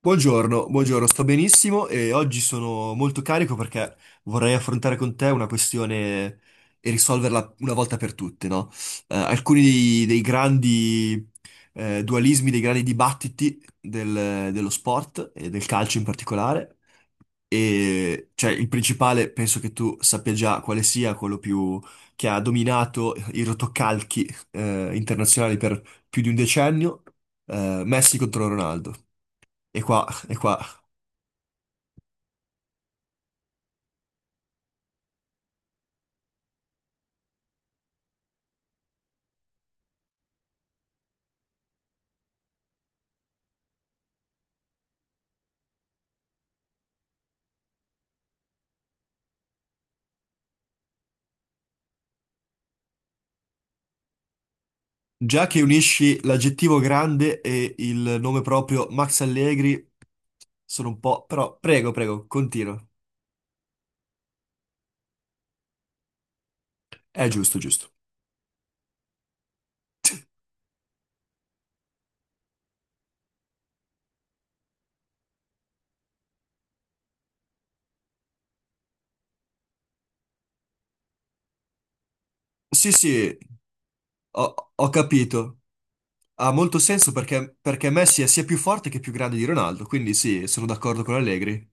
Buongiorno, buongiorno, sto benissimo e oggi sono molto carico perché vorrei affrontare con te una questione e risolverla una volta per tutte, no? Alcuni dei grandi dualismi, dei grandi dibattiti dello sport e del calcio in particolare. E cioè, il principale penso che tu sappia già quale sia quello più che ha dominato i rotocalchi internazionali per più di un decennio, Messi contro Ronaldo. E qua, e qua. Già che unisci l'aggettivo grande e il nome proprio Max Allegri, sono un po'... Però prego, prego, continua. È giusto, giusto. Sì, sì, ho capito. Ha molto senso perché Messi è sia più forte che più grande di Ronaldo, quindi sì, sono d'accordo con Allegri.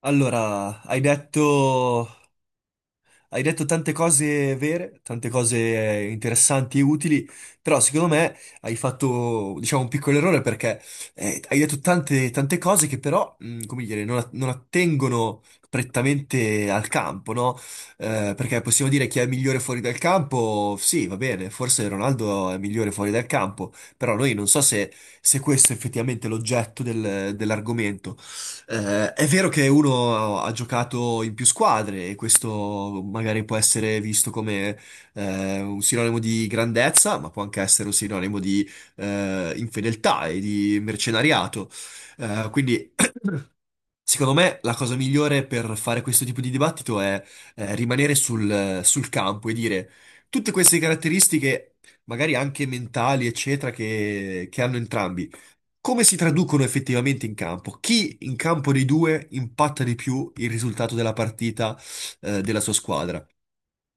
Allora, hai detto... Hai detto tante cose vere, tante cose interessanti e utili, però secondo me hai fatto, diciamo, un piccolo errore perché hai detto tante cose che però, come dire, non, non attengono prettamente al campo, no? Perché possiamo dire chi è migliore fuori dal campo, sì, va bene, forse Ronaldo è migliore fuori dal campo, però noi non so se, se questo è effettivamente l'oggetto dell'argomento. È vero che uno ha giocato in più squadre e questo magari può essere visto come un sinonimo di grandezza, ma può anche essere un sinonimo di infedeltà e di mercenariato. Quindi, secondo me, la cosa migliore per fare questo tipo di dibattito è rimanere sul campo e dire tutte queste caratteristiche, magari anche mentali, eccetera, che hanno entrambi. Come si traducono effettivamente in campo? Chi in campo dei due impatta di più il risultato della partita, della sua squadra?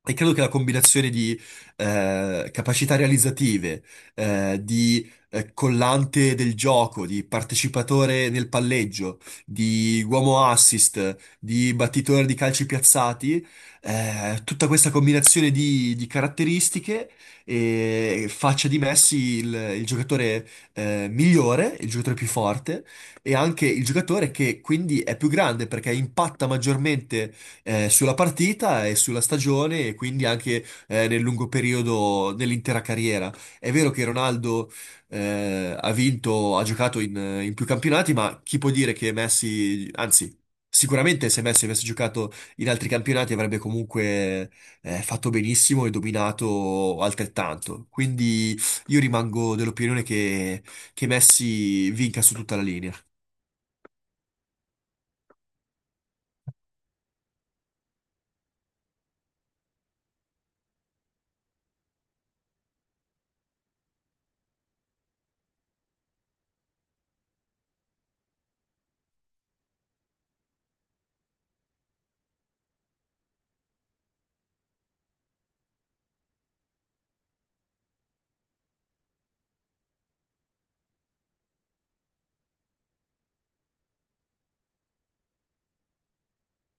E credo che la combinazione di capacità realizzative, di collante del gioco, di partecipatore nel palleggio, di uomo assist, di battitore di calci piazzati, tutta questa combinazione di caratteristiche faccia di Messi il giocatore migliore, il giocatore più forte e anche il giocatore che quindi è più grande perché impatta maggiormente sulla partita e sulla stagione e quindi anche nel lungo periodo dell'intera carriera. È vero che Ronaldo ha vinto, ha giocato in più campionati, ma chi può dire che Messi, anzi, sicuramente se Messi avesse giocato in altri campionati avrebbe comunque fatto benissimo e dominato altrettanto. Quindi io rimango dell'opinione che Messi vinca su tutta la linea.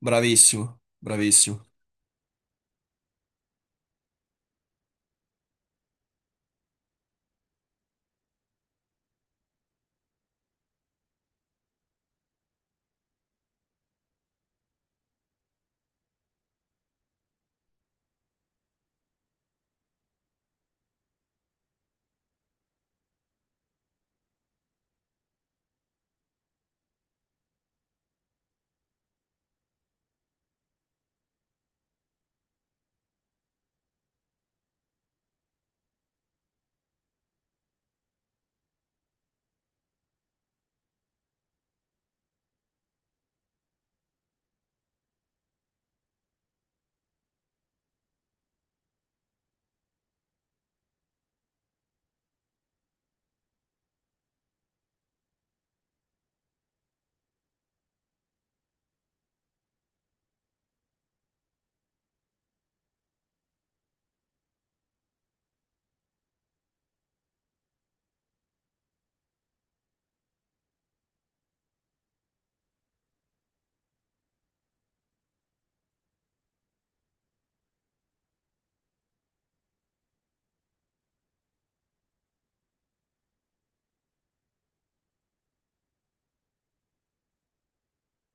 Bravissimo, bravissimo.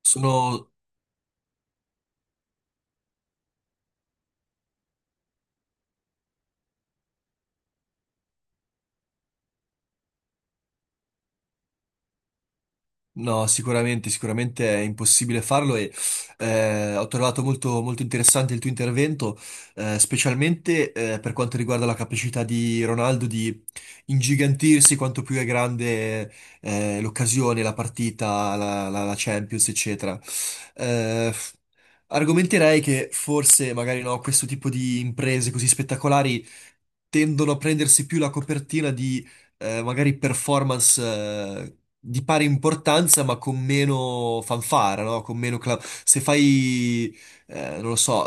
Sono... No, sicuramente, sicuramente è impossibile farlo e ho trovato molto interessante il tuo intervento, specialmente per quanto riguarda la capacità di Ronaldo di ingigantirsi quanto più è grande l'occasione, la partita, la Champions, eccetera. Eh, Argomenterei che forse, magari no, questo tipo di imprese così spettacolari tendono a prendersi più la copertina magari performance di pari importanza, ma con meno fanfara, no? Con meno Se fai, non lo so,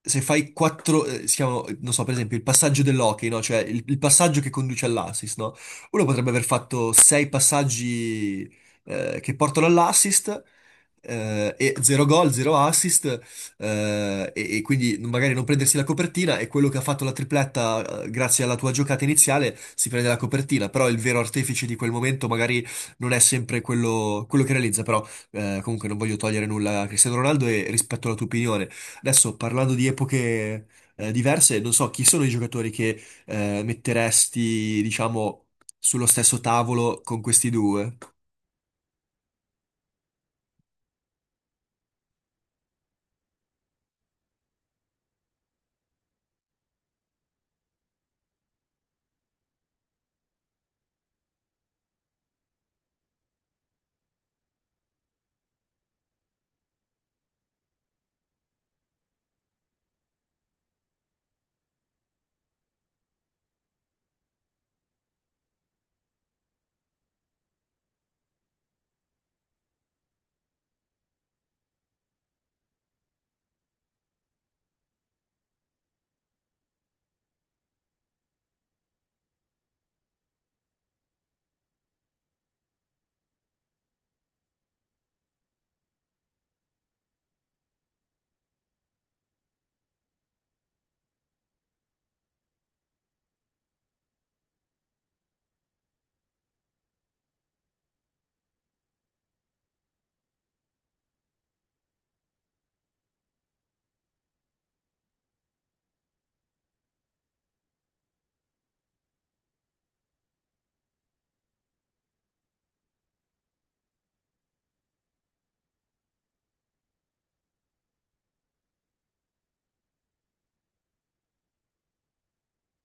se fai quattro, si chiamano, non so, per esempio, il passaggio dell'hockey, no? Cioè il passaggio che conduce all'assist, no? Uno potrebbe aver fatto sei passaggi che portano all'assist e zero gol, zero assist e quindi magari non prendersi la copertina e quello che ha fatto la tripletta, grazie alla tua giocata iniziale, si prende la copertina, però il vero artefice di quel momento magari non è sempre quello che realizza, però comunque non voglio togliere nulla a Cristiano Ronaldo e rispetto alla tua opinione. Adesso parlando di epoche diverse, non so chi sono i giocatori che metteresti, diciamo, sullo stesso tavolo con questi due.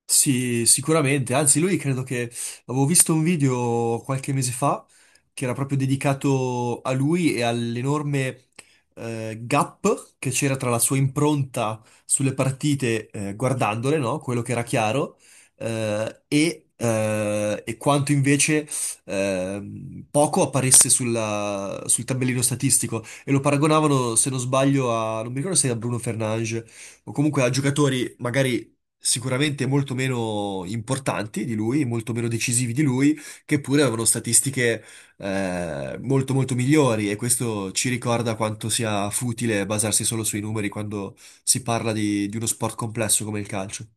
Sì, sicuramente, anzi lui credo che avevo visto un video qualche mese fa che era proprio dedicato a lui e all'enorme gap che c'era tra la sua impronta sulle partite guardandole, no? Quello che era chiaro, e quanto invece poco apparisse sul tabellino statistico e lo paragonavano, se non sbaglio, a, non mi ricordo se era Bruno Fernanges o comunque a giocatori magari sicuramente molto meno importanti di lui, molto meno decisivi di lui, che pure avevano statistiche molto molto migliori e questo ci ricorda quanto sia futile basarsi solo sui numeri quando si parla di uno sport complesso come il calcio.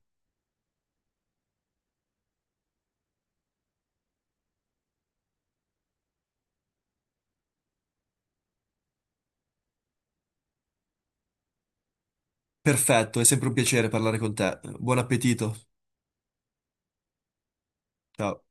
Perfetto, è sempre un piacere parlare con te. Buon appetito. Ciao.